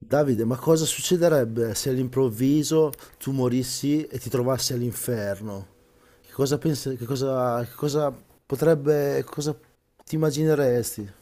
Davide, ma cosa succederebbe se all'improvviso tu morissi e ti trovassi all'inferno? Che cosa pensi, che cosa potrebbe, cosa ti immagineresti?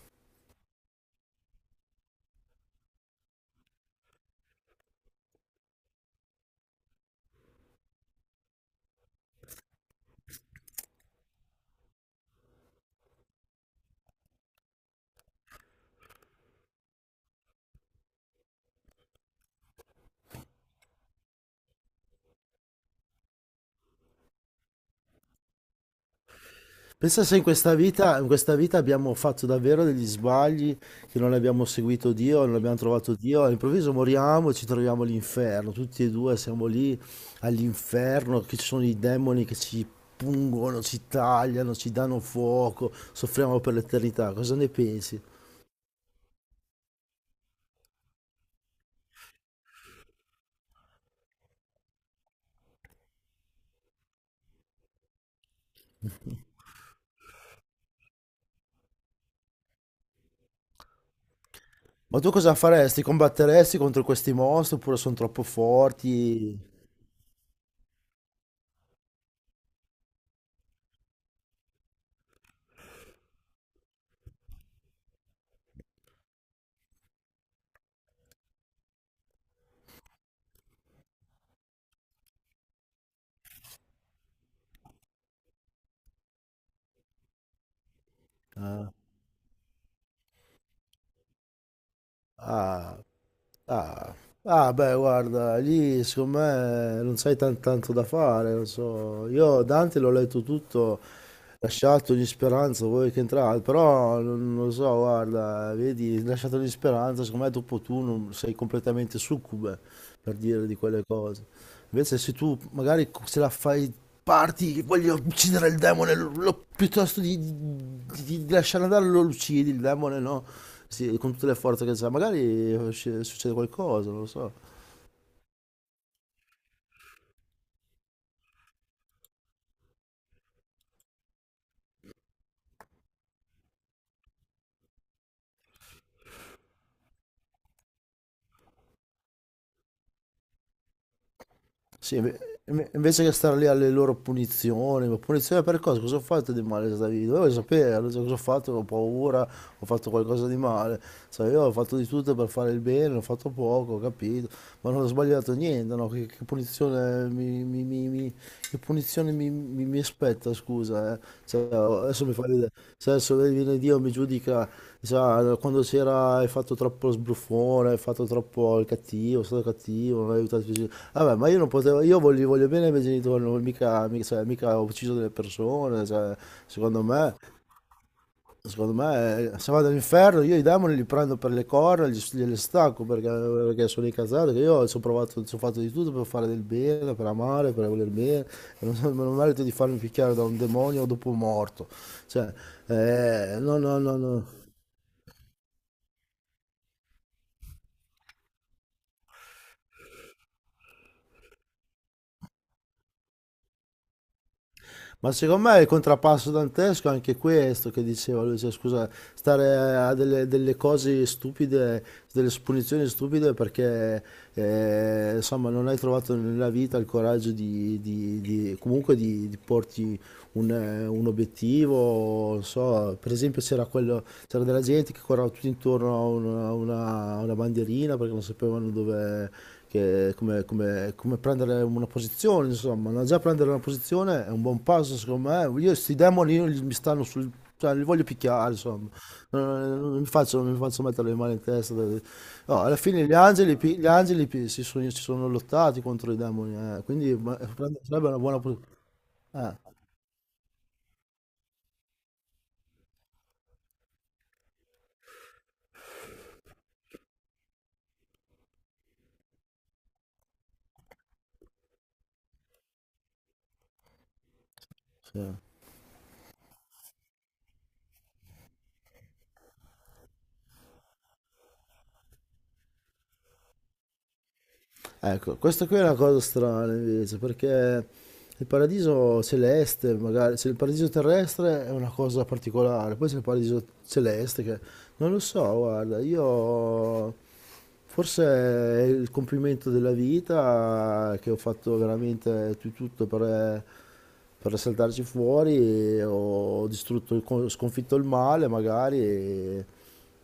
Pensa se in questa vita, in questa vita abbiamo fatto davvero degli sbagli, che non abbiamo seguito Dio, non abbiamo trovato Dio, all'improvviso moriamo e ci troviamo all'inferno, tutti e due siamo lì all'inferno, che ci sono i demoni che ci pungono, ci tagliano, ci danno fuoco, soffriamo per l'eternità. Cosa ne pensi? Ma tu cosa faresti? Combatteresti contro questi mostri oppure sono troppo forti? Ah, ah, ah, beh, guarda, lì secondo me non sai tanto da fare, non so. Io Dante l'ho letto tutto, lasciato ogni speranza, voi che entrate, però non lo so, guarda, vedi, lasciato ogni speranza, secondo me dopo tu non sei completamente succube per dire di quelle cose. Invece se tu magari se la fai parti, che voglio uccidere il demone, piuttosto di, di lasciare andare lo uccidi il demone, no? Sì, con tutte le forze che sa, magari succede qualcosa, non lo so. Sì, invece che stare lì alle loro punizioni, ma punizione per cosa? Cosa ho fatto di male in questa vita? Dovevo sapere cosa ho fatto, ho paura, ho fatto qualcosa di male. Sai, io ho fatto di tutto per fare il bene, ho fatto poco, ho capito, ma non ho sbagliato niente, no? Che punizione Che punizione mi aspetta, scusa, eh? Cioè, adesso mi fa ridere. Se adesso viene Dio e mi giudica, sa, quando c'era hai fatto troppo sbruffone, hai fatto troppo il cattivo, sei stato cattivo, non hai aiutato i tuoi genitori. Vabbè, ma io non potevo, io voglio, voglio bene ai miei genitori, non, mica, mica, cioè, mica ho ucciso delle persone, cioè, secondo me. Secondo me, se vado all'inferno, io i demoni li prendo per le corna, gliele stacco perché, perché sono incazzato, che io ci ho provato, ci ho fatto di tutto per fare del bene, per amare, per voler bene, e non, non merito di farmi picchiare da un demonio dopo morto. Cioè, no, no, no, no. Ma secondo me è il contrappasso dantesco è anche questo che diceva lui, cioè, scusa, stare a delle, delle cose stupide, delle punizioni stupide perché insomma non hai trovato nella vita il coraggio di, comunque di porti un obiettivo, non so, per esempio c'era, quello, c'era della gente che correva tutto intorno a una, a una bandierina perché non sapevano dove, come, come prendere una posizione, insomma, no? Già prendere una posizione è un buon passo secondo me, io questi demoni mi stanno sul... cioè, li voglio picchiare, insomma, non mi faccio, non mi faccio mettere le mani in testa. No, alla fine gli angeli, gli angeli si sono lottati contro i demoni, quindi sarebbe una buona... pos- Eh, sì. Ecco, questa qui è una cosa strana invece, perché il paradiso celeste, magari, se il paradiso terrestre è una cosa particolare, poi c'è il paradiso celeste che non lo so, guarda, io forse è il compimento della vita che ho fatto veramente tutto per saltarci fuori, ho distrutto, sconfitto il male magari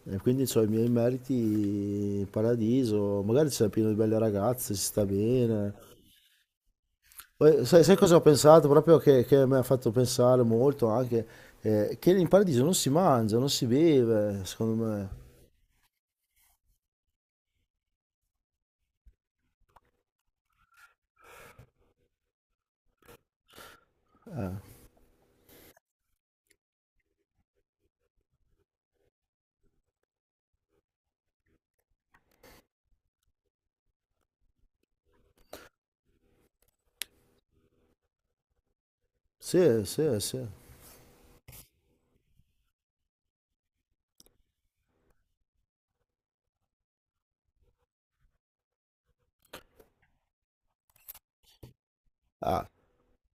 e quindi ho i miei meriti in paradiso, magari c'è pieno di belle ragazze, si sta bene. Poi, sai, sai cosa ho pensato? Proprio che mi ha fatto pensare molto anche che in paradiso non si mangia, non si beve, secondo me. Sì, sì, sì.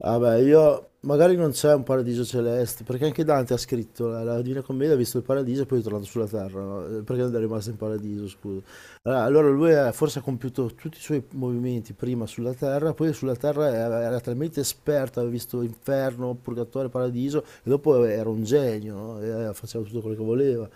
Vabbè, io magari non c'è un paradiso celeste, perché anche Dante ha scritto la, la Divina Commedia, ha visto il paradiso e poi è tornato sulla terra, no? Perché non è rimasto in paradiso, scusa. Allora, allora forse ha compiuto tutti i suoi movimenti prima sulla terra, poi sulla terra era talmente esperto, aveva visto inferno, purgatorio, paradiso, e dopo era un genio, no? E faceva tutto quello che voleva.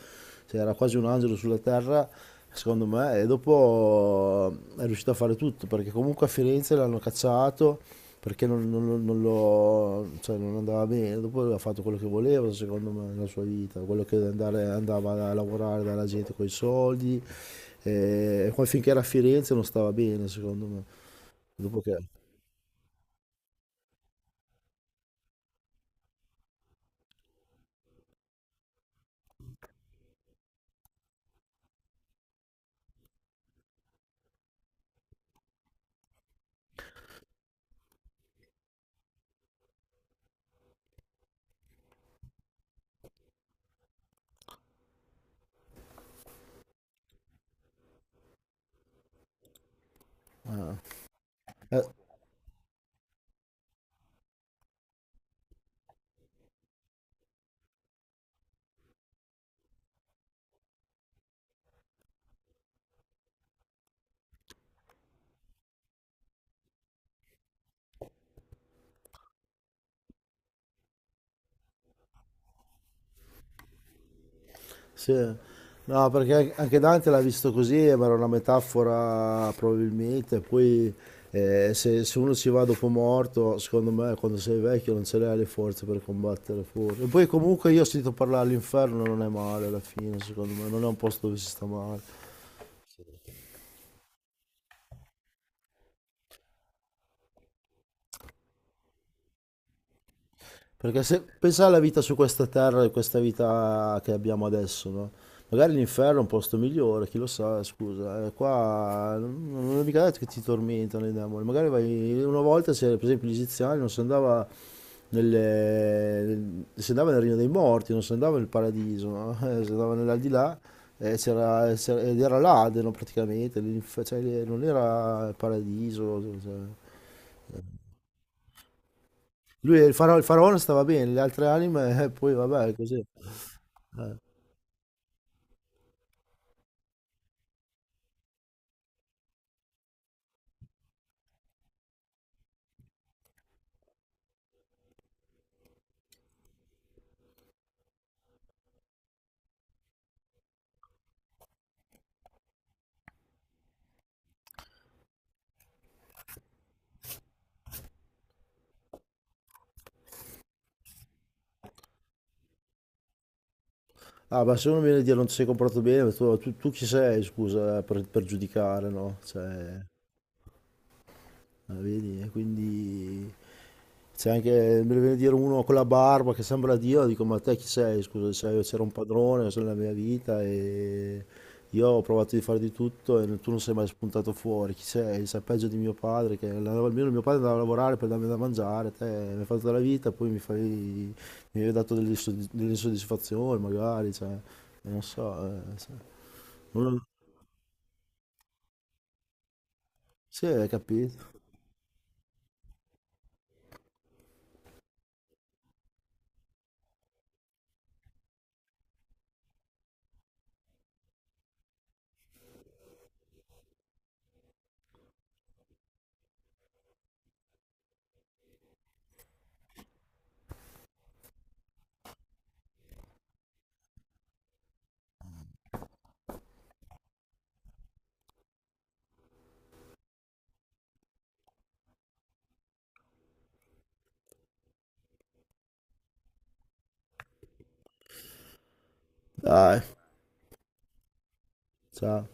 Cioè, era quasi un angelo sulla terra, secondo me, e dopo è riuscito a fare tutto, perché comunque a Firenze l'hanno cacciato perché non lo- cioè, non andava bene, dopo ha fatto quello che voleva secondo me nella sua vita, quello che andava a lavorare dalla gente con i soldi, e poi finché era a Firenze non stava bene secondo me, dopo che... eh, sì. No, perché anche Dante l'ha visto così, ma era una metafora probabilmente. Poi se, se uno ci va dopo morto, secondo me quando sei vecchio non ce l'hai le forze per combattere fuori. E poi comunque io ho sentito parlare all'inferno, non è male alla fine, secondo me, non è un posto dove si sta male. Perché se pensa alla vita su questa terra e questa vita che abbiamo adesso, no? Magari l'inferno è un posto migliore, chi lo sa, scusa. Qua non è mica detto che ti tormentano i demoni. Magari vai una volta, se, per esempio, gli egiziani non si andava nel, si andava nel regno dei morti, non si andava nel paradiso, no? Si andava nell'aldilà ed era l'Adeno praticamente, cioè, non era il paradiso. Cioè, lui, il faraone stava bene, le altre anime, poi vabbè, così. Ah, ma se uno viene a dire non ti sei comportato bene, tu, tu chi sei, scusa, per giudicare, no? Cioè... Ah, vedi? E quindi c'è anche, me ne viene a dire uno con la barba che sembra Dio, dico ma te chi sei? Scusa, sei- c'era un padrone nella mia vita e io ho provato di fare di tutto e tu non sei mai spuntato fuori, chi sei? Sei peggio di mio padre, che andava- almeno mio padre andava a lavorare per darmi da mangiare, te mi hai fatto la vita, poi mi fai, mi hai dato delle, delle insoddisfazioni magari, cioè, non so, se- non lo- sì, hai capito? Dai, ciao.